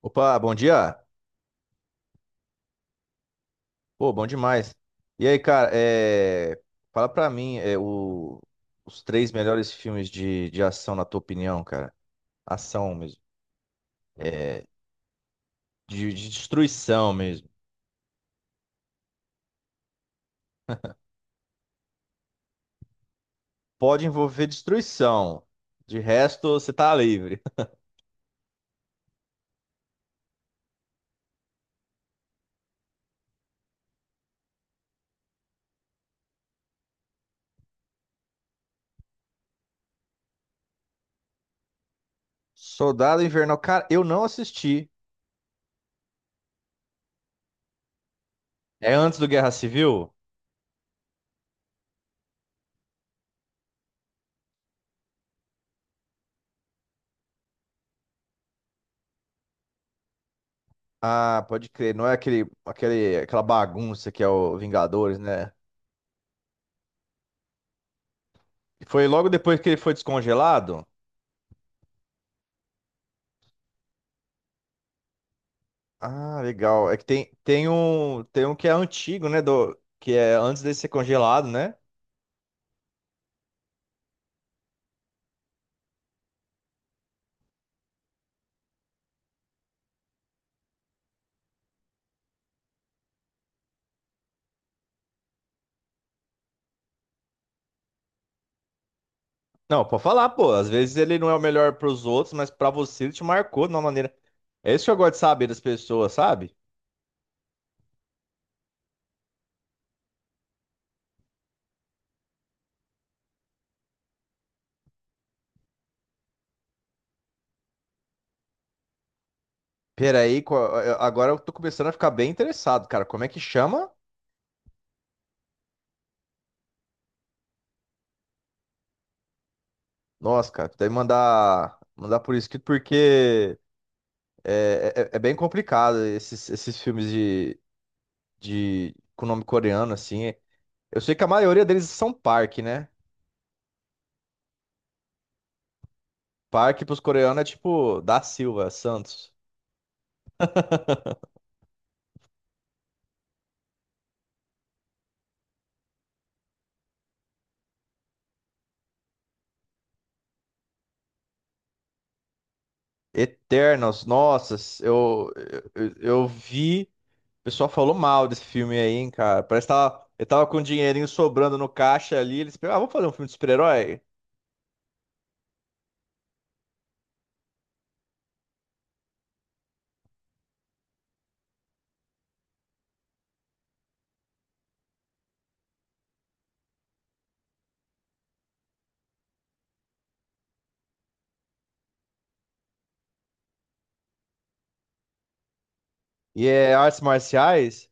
Opa, bom dia. Pô, bom demais. E aí, cara, fala pra mim os três melhores filmes de ação, na tua opinião, cara. Ação mesmo. É, de destruição mesmo. Pode envolver destruição. De resto, você tá livre. Soldado Invernal, cara, eu não assisti. É antes do Guerra Civil? Ah, pode crer. Não é aquela bagunça que é o Vingadores, né? Foi logo depois que ele foi descongelado? Ah, legal. É que tem um que é antigo, né? Do, que é antes dele ser congelado, né? Não, pode falar, pô. Às vezes ele não é o melhor pros outros, mas pra você ele te marcou de uma maneira. É isso que eu gosto de saber das pessoas, sabe? Peraí, agora eu tô começando a ficar bem interessado, cara. Como é que chama? Nossa, cara, tu deve mandar por escrito porque é bem complicado esses filmes com nome coreano, assim. Eu sei que a maioria deles são Park, né? Park pros coreanos é tipo da Silva, Santos. Eternos, nossas, eu vi. O pessoal falou mal desse filme aí, hein, cara. Parece que tava, ele tava com um dinheirinho sobrando no caixa ali. Eles pensaram, ah, vamos fazer um filme de super-herói? E é artes marciais?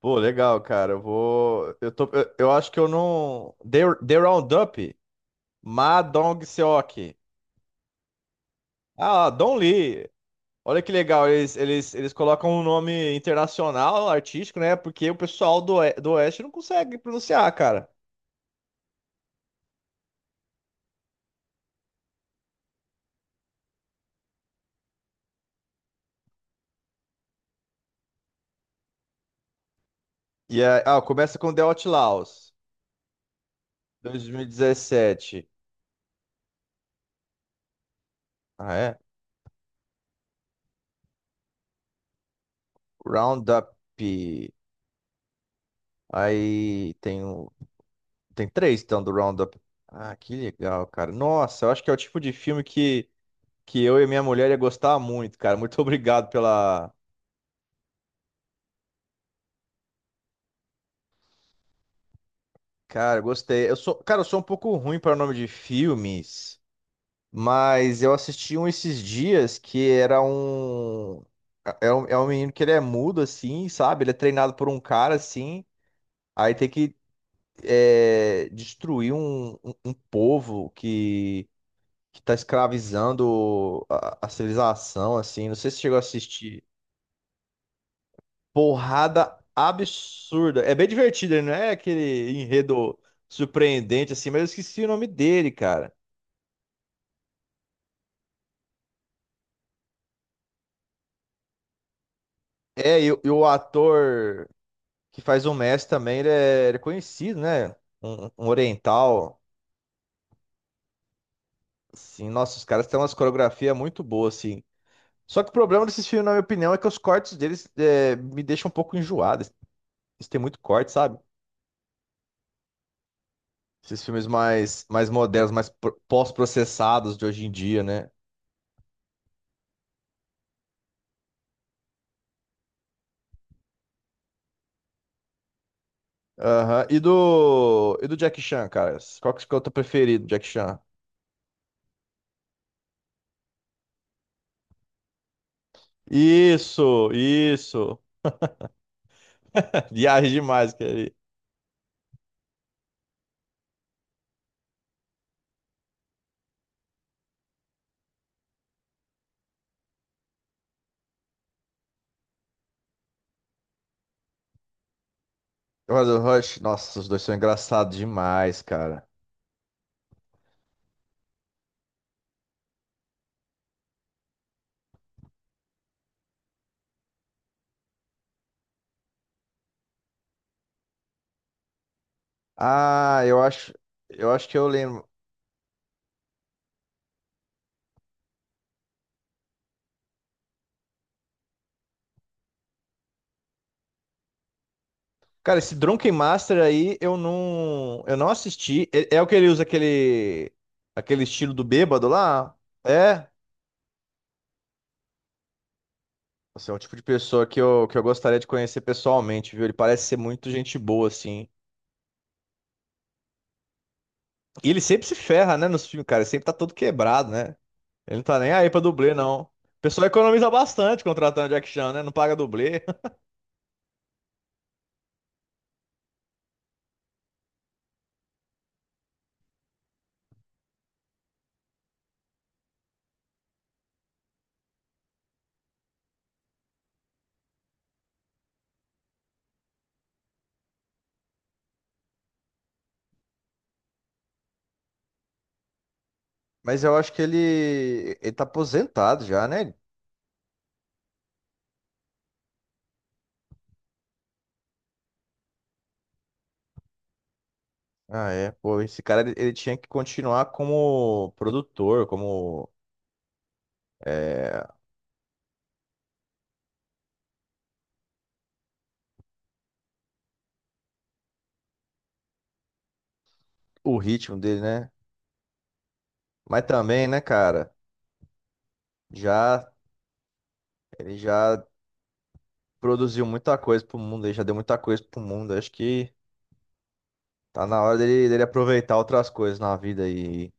Pô, legal, cara. Eu vou. Eu acho que eu não. The Roundup? Ma Dong-seok. Ah, Don Lee. Olha que legal, eles colocam um nome internacional, artístico, né? Porque o pessoal do, do Oeste não consegue pronunciar, cara. E é, ah, começa com The Outlaws, 2017. Ah, é? Roundup. Aí tem, um- tem três, então, do Roundup. Ah, que legal, cara. Nossa, eu acho que é o tipo de filme que eu e minha mulher ia gostar muito, cara. Muito obrigado pela... Cara, eu gostei. Eu sou um pouco ruim para nome de filmes. Mas eu assisti um esses dias que era um. É um menino que ele é mudo, assim, sabe? Ele é treinado por um cara, assim. Aí tem que destruir um povo que tá escravizando a civilização, assim. Não sei se chegou a assistir. Porrada absurda. É bem divertido, ele não é aquele enredo surpreendente, assim, mas eu esqueci o nome dele, cara. É, e o ator que faz o Messi também, ele é conhecido, né? Um oriental. Assim, nossa, os caras têm umas coreografias muito boas, assim. Só que o problema desses filmes, na minha opinião, é que os cortes deles me deixam um pouco enjoado. Eles têm muito corte, sabe? Esses filmes mais modernos, pós-processados de hoje em dia, né? Aham. E do Jack Chan, cara? Qual que é o teu preferido, Jack Chan? Isso, isso. Viagem demais, cara. Mas o Rush, nossa, os dois são engraçados demais, cara. Ah, eu acho, eu acho que eu lembro. Cara, esse Drunken Master aí eu não assisti. É, é o que ele usa aquele estilo do bêbado lá? É. Você é um tipo de pessoa que que eu gostaria de conhecer pessoalmente, viu? Ele parece ser muito gente boa, assim. E ele sempre se ferra, né, nos filmes, cara. Ele sempre tá todo quebrado, né? Ele não tá nem aí pra dublê, não. O pessoal economiza bastante contratando Jack Chan, né? Não paga dublê. Mas eu acho que ele tá aposentado já, né? Ah, é. Pô, esse cara ele tinha que continuar como produtor, como é, o ritmo dele, né? Mas também, né, cara? Já Ele já produziu muita coisa pro mundo, ele já deu muita coisa pro mundo. Acho que tá na hora dele aproveitar outras coisas na vida. E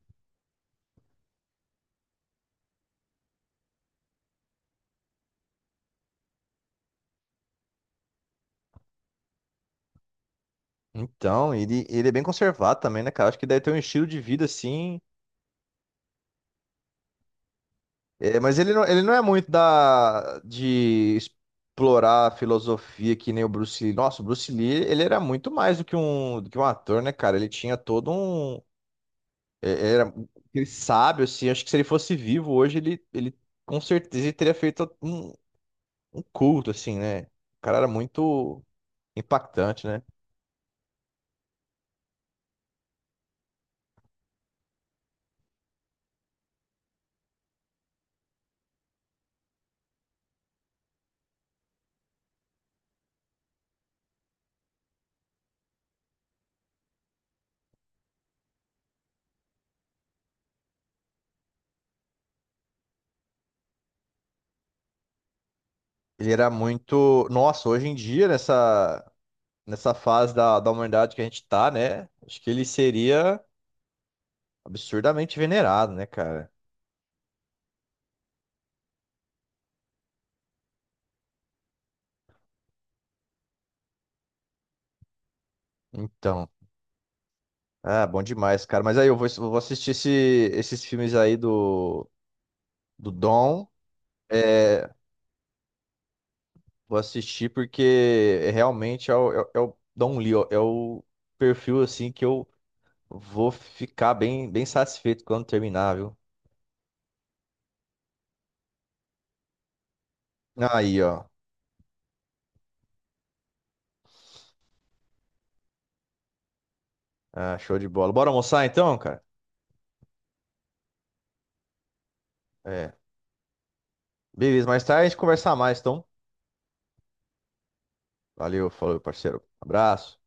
então ele é bem conservado também, né, cara? Acho que deve ter um estilo de vida assim. É, mas ele não é muito da de explorar a filosofia que nem o Bruce Lee. Nossa, o Bruce Lee, ele era muito mais do que do que um ator, né, cara? Ele tinha todo um. Era aquele sábio, assim. Acho que se ele fosse vivo hoje, ele com certeza teria feito um culto, assim, né? O cara era muito impactante, né? Ele era muito. Nossa, hoje em dia, nessa fase da humanidade que a gente tá, né? Acho que ele seria absurdamente venerado, né, cara? Então, ah, bom demais, cara. Mas aí eu vou assistir esses filmes aí do, do Dom. É, vou assistir porque é realmente é o Don Lee, ó, é o perfil assim que eu vou ficar bem, bem satisfeito quando terminar, viu? Aí, ó. Ah, show de bola. Bora almoçar então, cara? É. Beleza, mais tarde a gente conversar mais, então. Valeu, falou, parceiro. Abraço.